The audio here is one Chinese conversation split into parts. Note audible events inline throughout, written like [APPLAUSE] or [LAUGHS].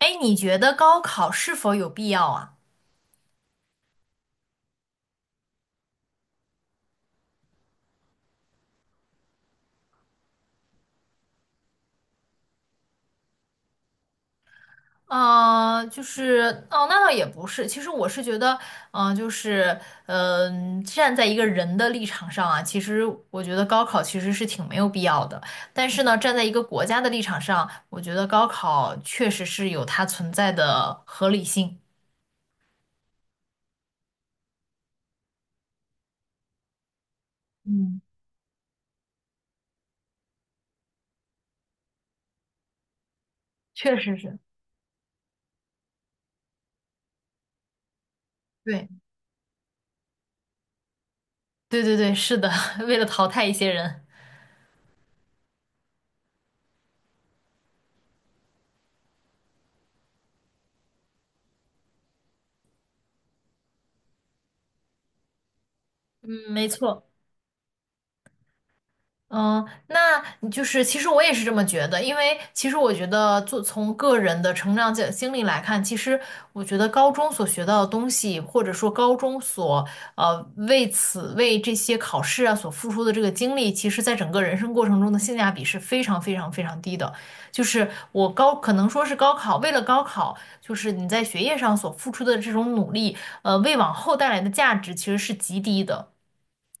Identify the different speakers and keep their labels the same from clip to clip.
Speaker 1: 哎，你觉得高考是否有必要啊？那倒也不是。其实我是觉得，嗯、就是站在一个人的立场上啊，其实我觉得高考其实是挺没有必要的。但是呢，站在一个国家的立场上，我觉得高考确实是有它存在的合理性。嗯，确实是。对，对对对，是的，[LAUGHS] 为了淘汰一些人。嗯，没错。嗯，那你就是其实我也是这么觉得，因为其实我觉得做从个人的成长经历来看，其实我觉得高中所学到的东西，或者说高中所呃为此为这些考试啊所付出的这个精力，其实在整个人生过程中的性价比是非常非常非常低的。就是我高可能说是高考，为了高考，就是你在学业上所付出的这种努力，为往后带来的价值其实是极低的。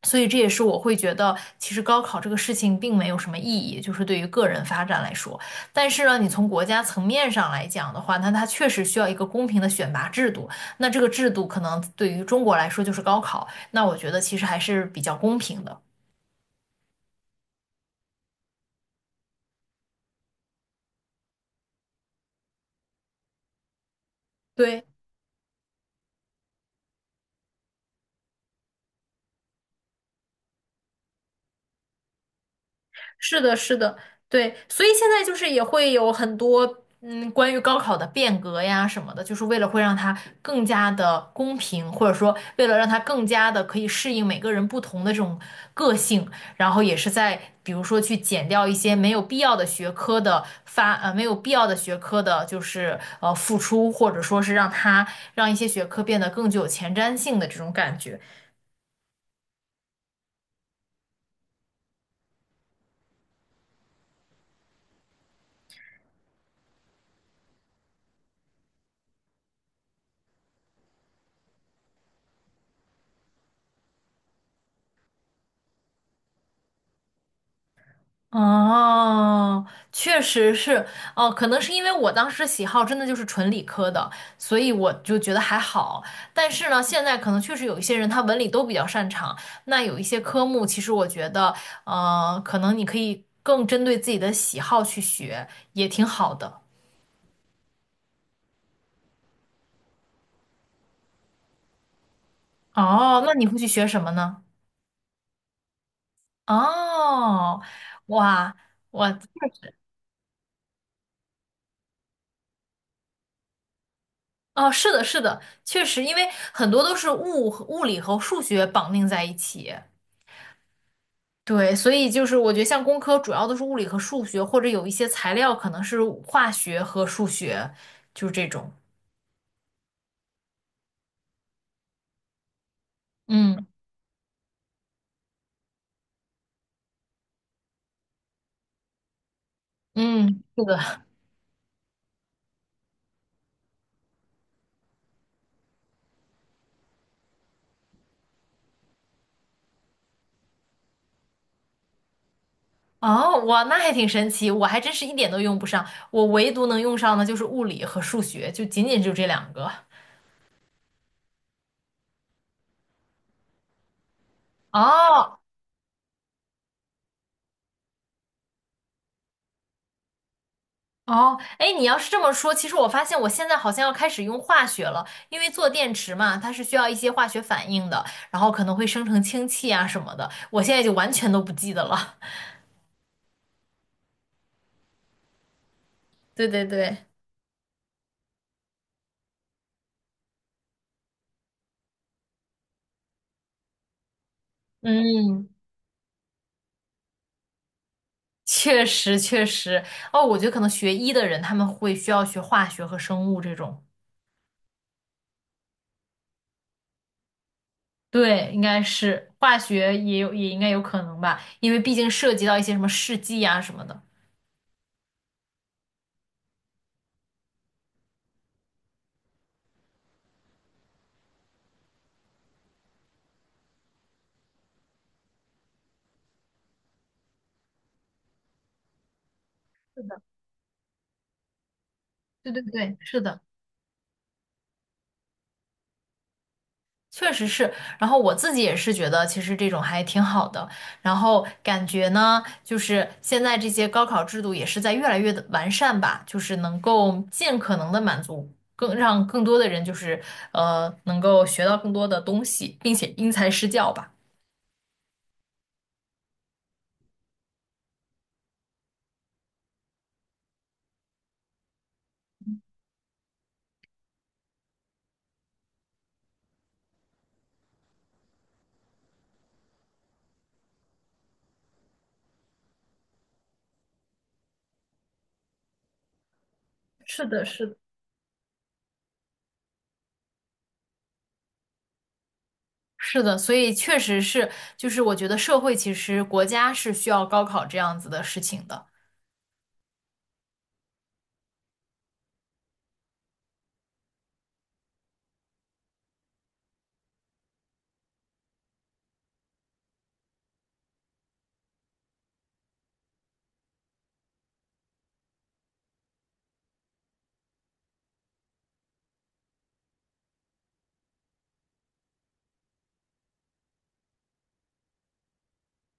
Speaker 1: 所以这也是我会觉得，其实高考这个事情并没有什么意义，就是对于个人发展来说。但是呢，你从国家层面上来讲的话，那它确实需要一个公平的选拔制度。那这个制度可能对于中国来说就是高考，那我觉得其实还是比较公平的。对。是的，是的，对，所以现在就是也会有很多嗯，关于高考的变革呀什么的，就是为了会让它更加的公平，或者说为了让它更加的可以适应每个人不同的这种个性，然后也是在比如说去减掉一些没有必要的学科的没有必要的学科的，就是付出，或者说是让它让一些学科变得更具有前瞻性的这种感觉。哦，确实是，哦，可能是因为我当时喜好真的就是纯理科的，所以我就觉得还好。但是呢，现在可能确实有一些人他文理都比较擅长，那有一些科目，其实我觉得，可能你可以更针对自己的喜好去学，也挺好的。哦，那你会去学什么呢？哦，哇，哦，是的，是的，确实，因为很多都是物理和数学绑定在一起。对，所以就是我觉得像工科主要都是物理和数学，或者有一些材料可能是化学和数学，就是这种。嗯嗯，是的。哦，哇，那还挺神奇，我还真是一点都用不上，我唯独能用上的就是物理和数学，就仅仅就这两个。哦哦，哎，你要是这么说，其实我发现我现在好像要开始用化学了，因为做电池嘛，它是需要一些化学反应的，然后可能会生成氢气啊什么的，我现在就完全都不记得了。[LAUGHS] 对对对。嗯，确实确实，哦，我觉得可能学医的人他们会需要学化学和生物这种，对，应该是化学也有也应该有可能吧，因为毕竟涉及到一些什么试剂啊什么的。是的，对对对，是的。确实是，然后我自己也是觉得，其实这种还挺好的。然后感觉呢，就是现在这些高考制度也是在越来越的完善吧，就是能够尽可能的满足更让更多的人，就是能够学到更多的东西，并且因材施教吧。是的，是的，是的，所以确实是，就是我觉得社会其实国家是需要高考这样子的事情的。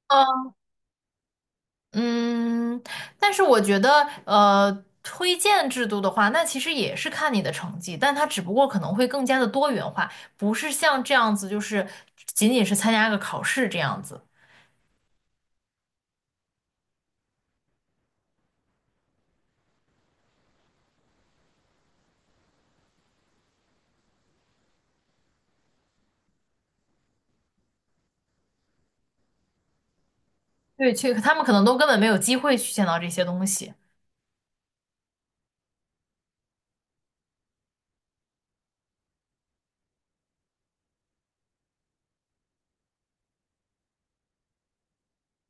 Speaker 1: 嗯嗯，但是我觉得，推荐制度的话，那其实也是看你的成绩，但它只不过可能会更加的多元化，不是像这样子，就是仅仅是参加个考试这样子。对，去，他们可能都根本没有机会去见到这些东西。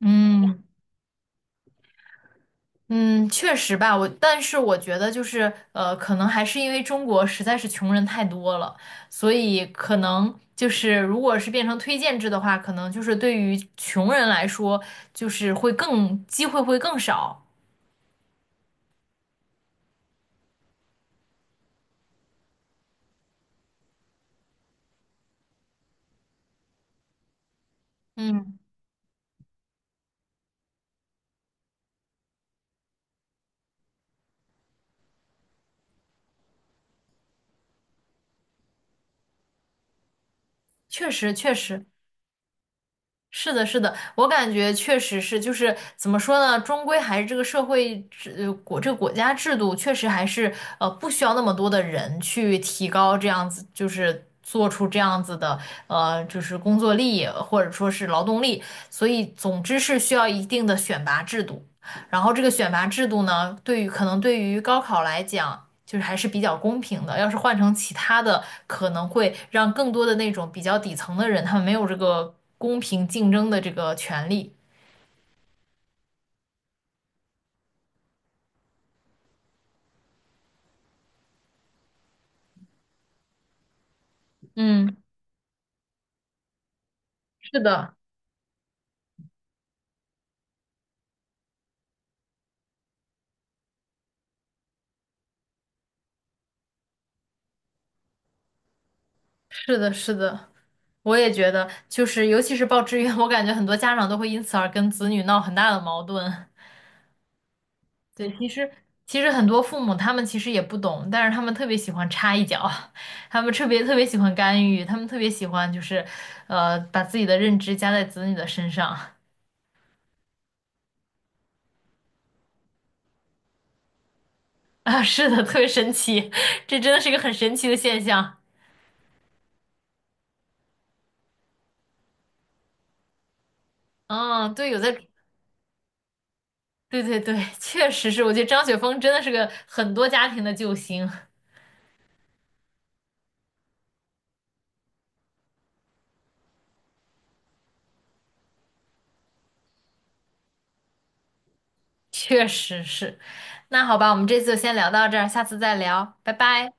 Speaker 1: 嗯。嗯，确实吧，我但是我觉得就是可能还是因为中国实在是穷人太多了，所以可能就是如果是变成推荐制的话，可能就是对于穷人来说，就是会更机会会更少。嗯，确实确实，是的，是的，我感觉确实是，就是怎么说呢，终归还是这个社会制，这个国家制度确实还是不需要那么多的人去提高这样子，就是做出这样子的就是工作力或者说是劳动力，所以总之是需要一定的选拔制度。然后这个选拔制度呢，对于可能对于高考来讲，就是还是比较公平的。要是换成其他的，可能会让更多的那种比较底层的人，他们没有这个公平竞争的这个权利。嗯，是的，是的，是的，我也觉得，就是尤其是报志愿，我感觉很多家长都会因此而跟子女闹很大的矛盾。对，其实很多父母他们其实也不懂，但是他们特别喜欢插一脚，[LAUGHS] 他们特别特别喜欢干预，他们特别喜欢就是，把自己的认知加在子女的身上 [LAUGHS] 啊，是的，特别神奇，[LAUGHS] 这真的是一个很神奇的现象。嗯，对，有在，对对对，确实是，我觉得张雪峰真的是个很多家庭的救星，确实是。那好吧，我们这次就先聊到这儿，下次再聊，拜拜。